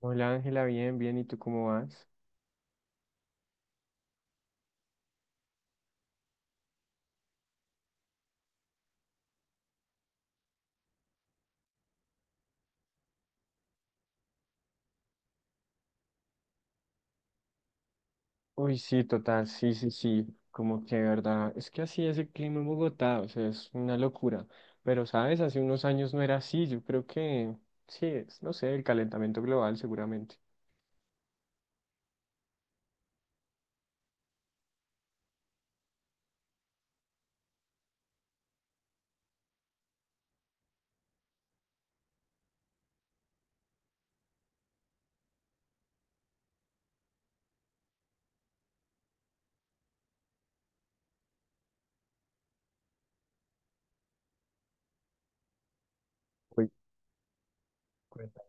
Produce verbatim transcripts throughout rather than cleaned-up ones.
Hola Ángela, bien, bien, ¿y tú cómo vas? Uy, sí, total, sí, sí, sí, como que de verdad, es que así es el clima en Bogotá, o sea, es una locura, pero sabes, hace unos años no era así, yo creo que sí es, no sé, el calentamiento global seguramente. Uy, cuenta,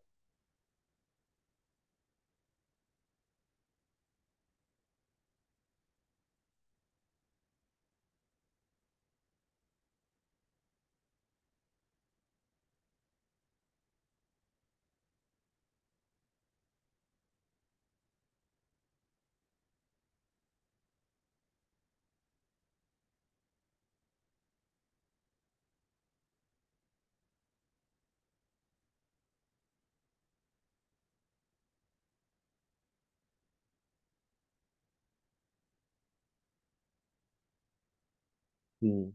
sí.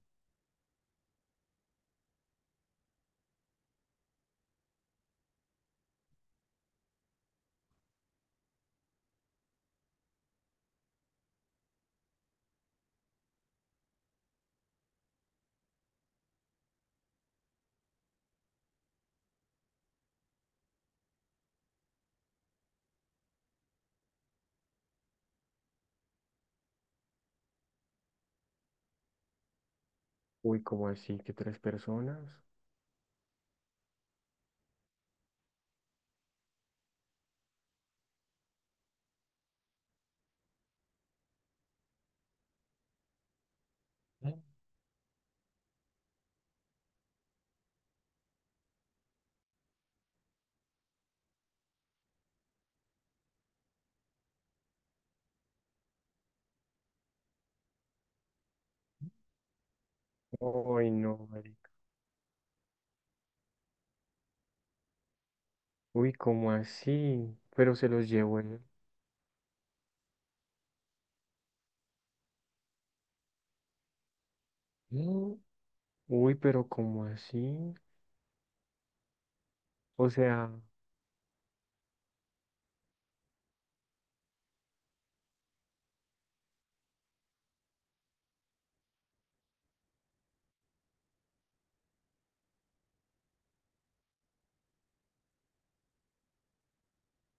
Uy, ¿cómo así? ¿Que tres personas? ¿Eh? Uy, no, marica. Uy, ¿cómo así? Pero se los llevó él. ¿Eh? Uy, pero ¿cómo así? O sea,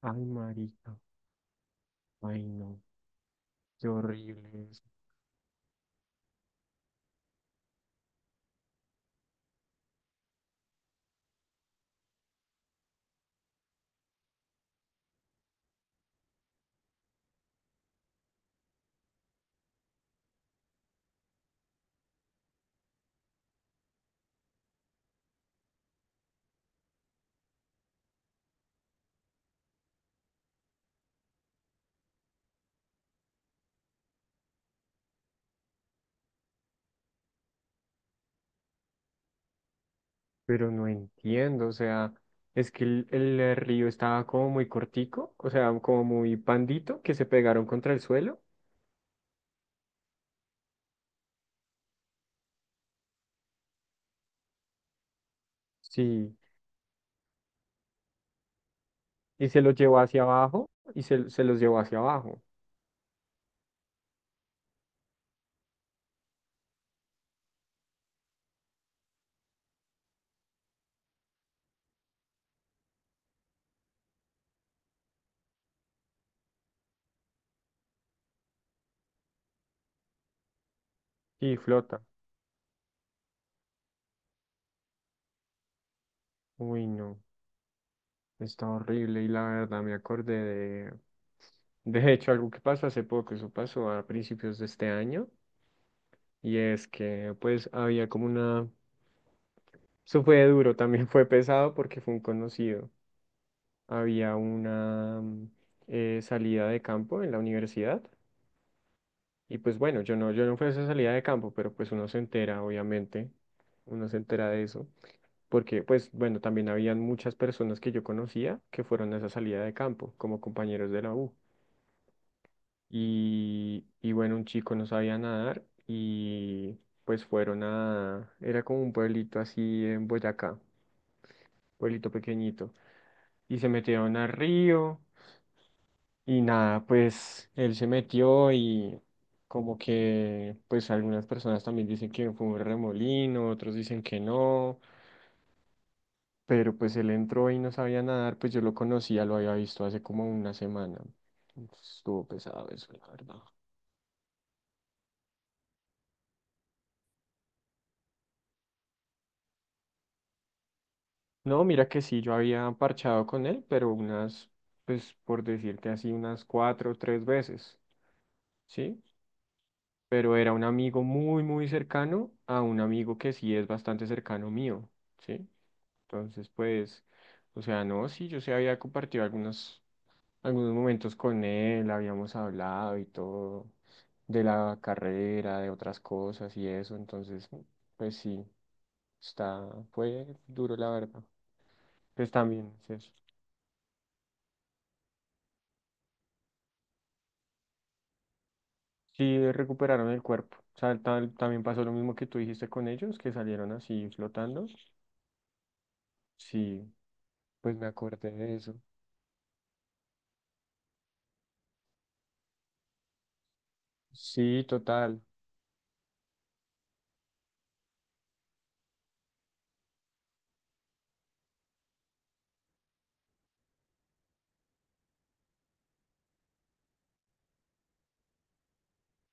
ay, marica, ay, no, qué horrible. Pero no entiendo, o sea, es que el, el río estaba como muy cortico, o sea, como muy pandito, que se pegaron contra el suelo. Sí, y se los llevó hacia abajo, y se, se los llevó hacia abajo, y flota. Uy, no, está horrible, y la verdad me acordé de, de hecho, algo que pasó hace poco. Eso pasó a principios de este año, y es que, pues, había como una, eso fue duro, también fue pesado porque fue un conocido. Había una mm, eh, salida de campo en la universidad. Y pues bueno, yo no, yo no fui a esa salida de campo, pero pues uno se entera, obviamente, uno se entera de eso, porque pues bueno, también habían muchas personas que yo conocía que fueron a esa salida de campo como compañeros de la U. Y, y bueno, un chico no sabía nadar y pues fueron a, era como un pueblito así en Boyacá, pueblito pequeñito, y se metieron al río. Y nada, pues él se metió y como que pues algunas personas también dicen que fue un remolino, otros dicen que no, pero pues él entró y no sabía nadar, pues yo lo conocía, lo había visto hace como una semana. Entonces, estuvo pesado eso, la verdad. No, mira que sí, yo había parchado con él, pero unas, pues por decirte así, unas cuatro o tres veces, ¿sí? Pero era un amigo muy, muy cercano a un amigo que sí es bastante cercano mío, ¿sí? Entonces, pues, o sea, no, sí, yo sí había compartido algunos, algunos momentos con él, habíamos hablado y todo, de la carrera, de otras cosas y eso, entonces, pues sí, está, fue duro la verdad. Pues también, es eso. Sí, recuperaron el cuerpo. O sea, tal- también pasó lo mismo que tú dijiste con ellos, que salieron así flotando. Sí, pues me acordé de eso. Sí, total.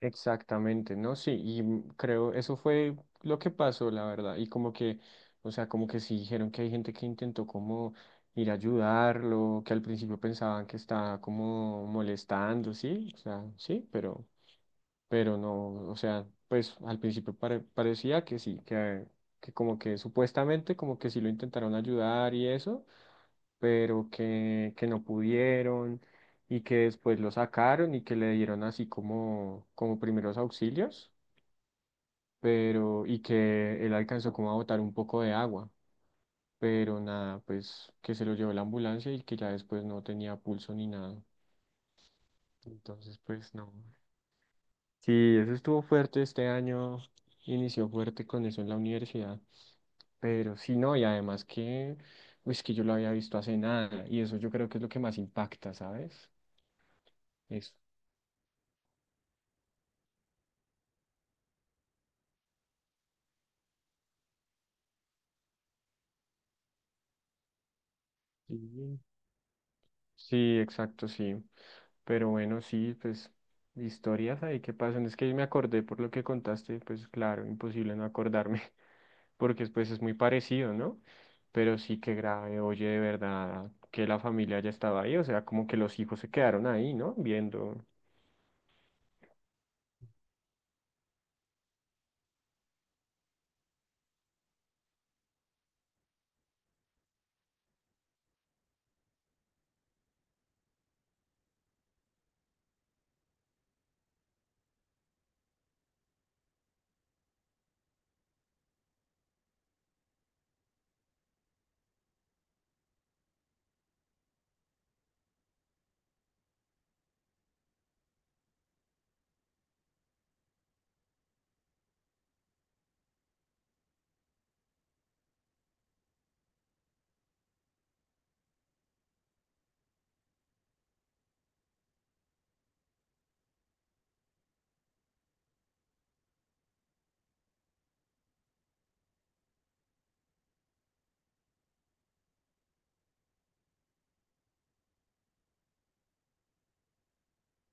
Exactamente, ¿no? Sí, y m- creo eso fue lo que pasó, la verdad. Y como que, o sea, como que sí dijeron que hay gente que intentó como ir a ayudarlo, que al principio pensaban que estaba como molestando, sí, o sea, sí, pero pero no, o sea, pues al principio pare- parecía que sí, que, que como que supuestamente como que sí lo intentaron ayudar y eso, pero que, que no pudieron y que después lo sacaron y que le dieron así como, como primeros auxilios, pero y que él alcanzó como a botar un poco de agua, pero nada, pues que se lo llevó la ambulancia y que ya después no tenía pulso ni nada. Entonces, pues no. Sí, eso estuvo fuerte este año, inició fuerte con eso en la universidad, pero sí, no, y además que, pues que yo lo había visto hace nada, y eso yo creo que es lo que más impacta, ¿sabes? Eso. Sí, sí, exacto, sí, pero bueno, sí, pues historias ahí que pasan, es que me acordé por lo que contaste, pues claro, imposible no acordarme. Porque pues es muy parecido, ¿no? Pero sí que grave, oye, de verdad, que la familia ya estaba ahí, o sea, como que los hijos se quedaron ahí, ¿no? Viendo.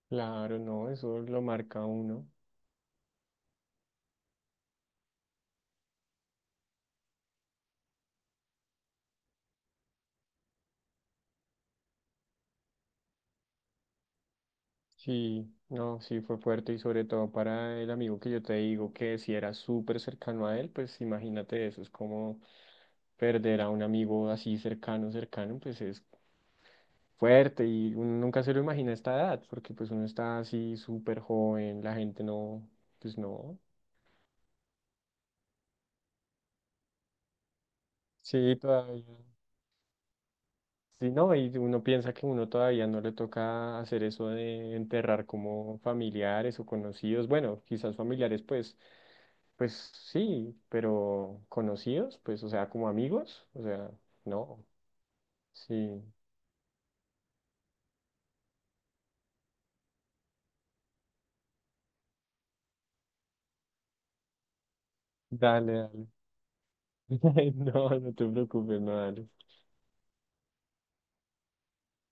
Claro, no, eso lo marca a uno. Sí, no, sí fue fuerte y sobre todo para el amigo que yo te digo que si era súper cercano a él, pues imagínate eso, es como perder a un amigo así cercano, cercano, pues es fuerte y uno nunca se lo imagina a esta edad, porque pues uno está así súper joven, la gente no, pues no, sí, todavía. Sí, no, y uno piensa que uno todavía no le toca hacer eso de enterrar como familiares o conocidos. Bueno, quizás familiares, pues, pues sí, pero conocidos, pues, o sea, como amigos, o sea, no, sí, dale, dale. No, no te preocupes, no, dale.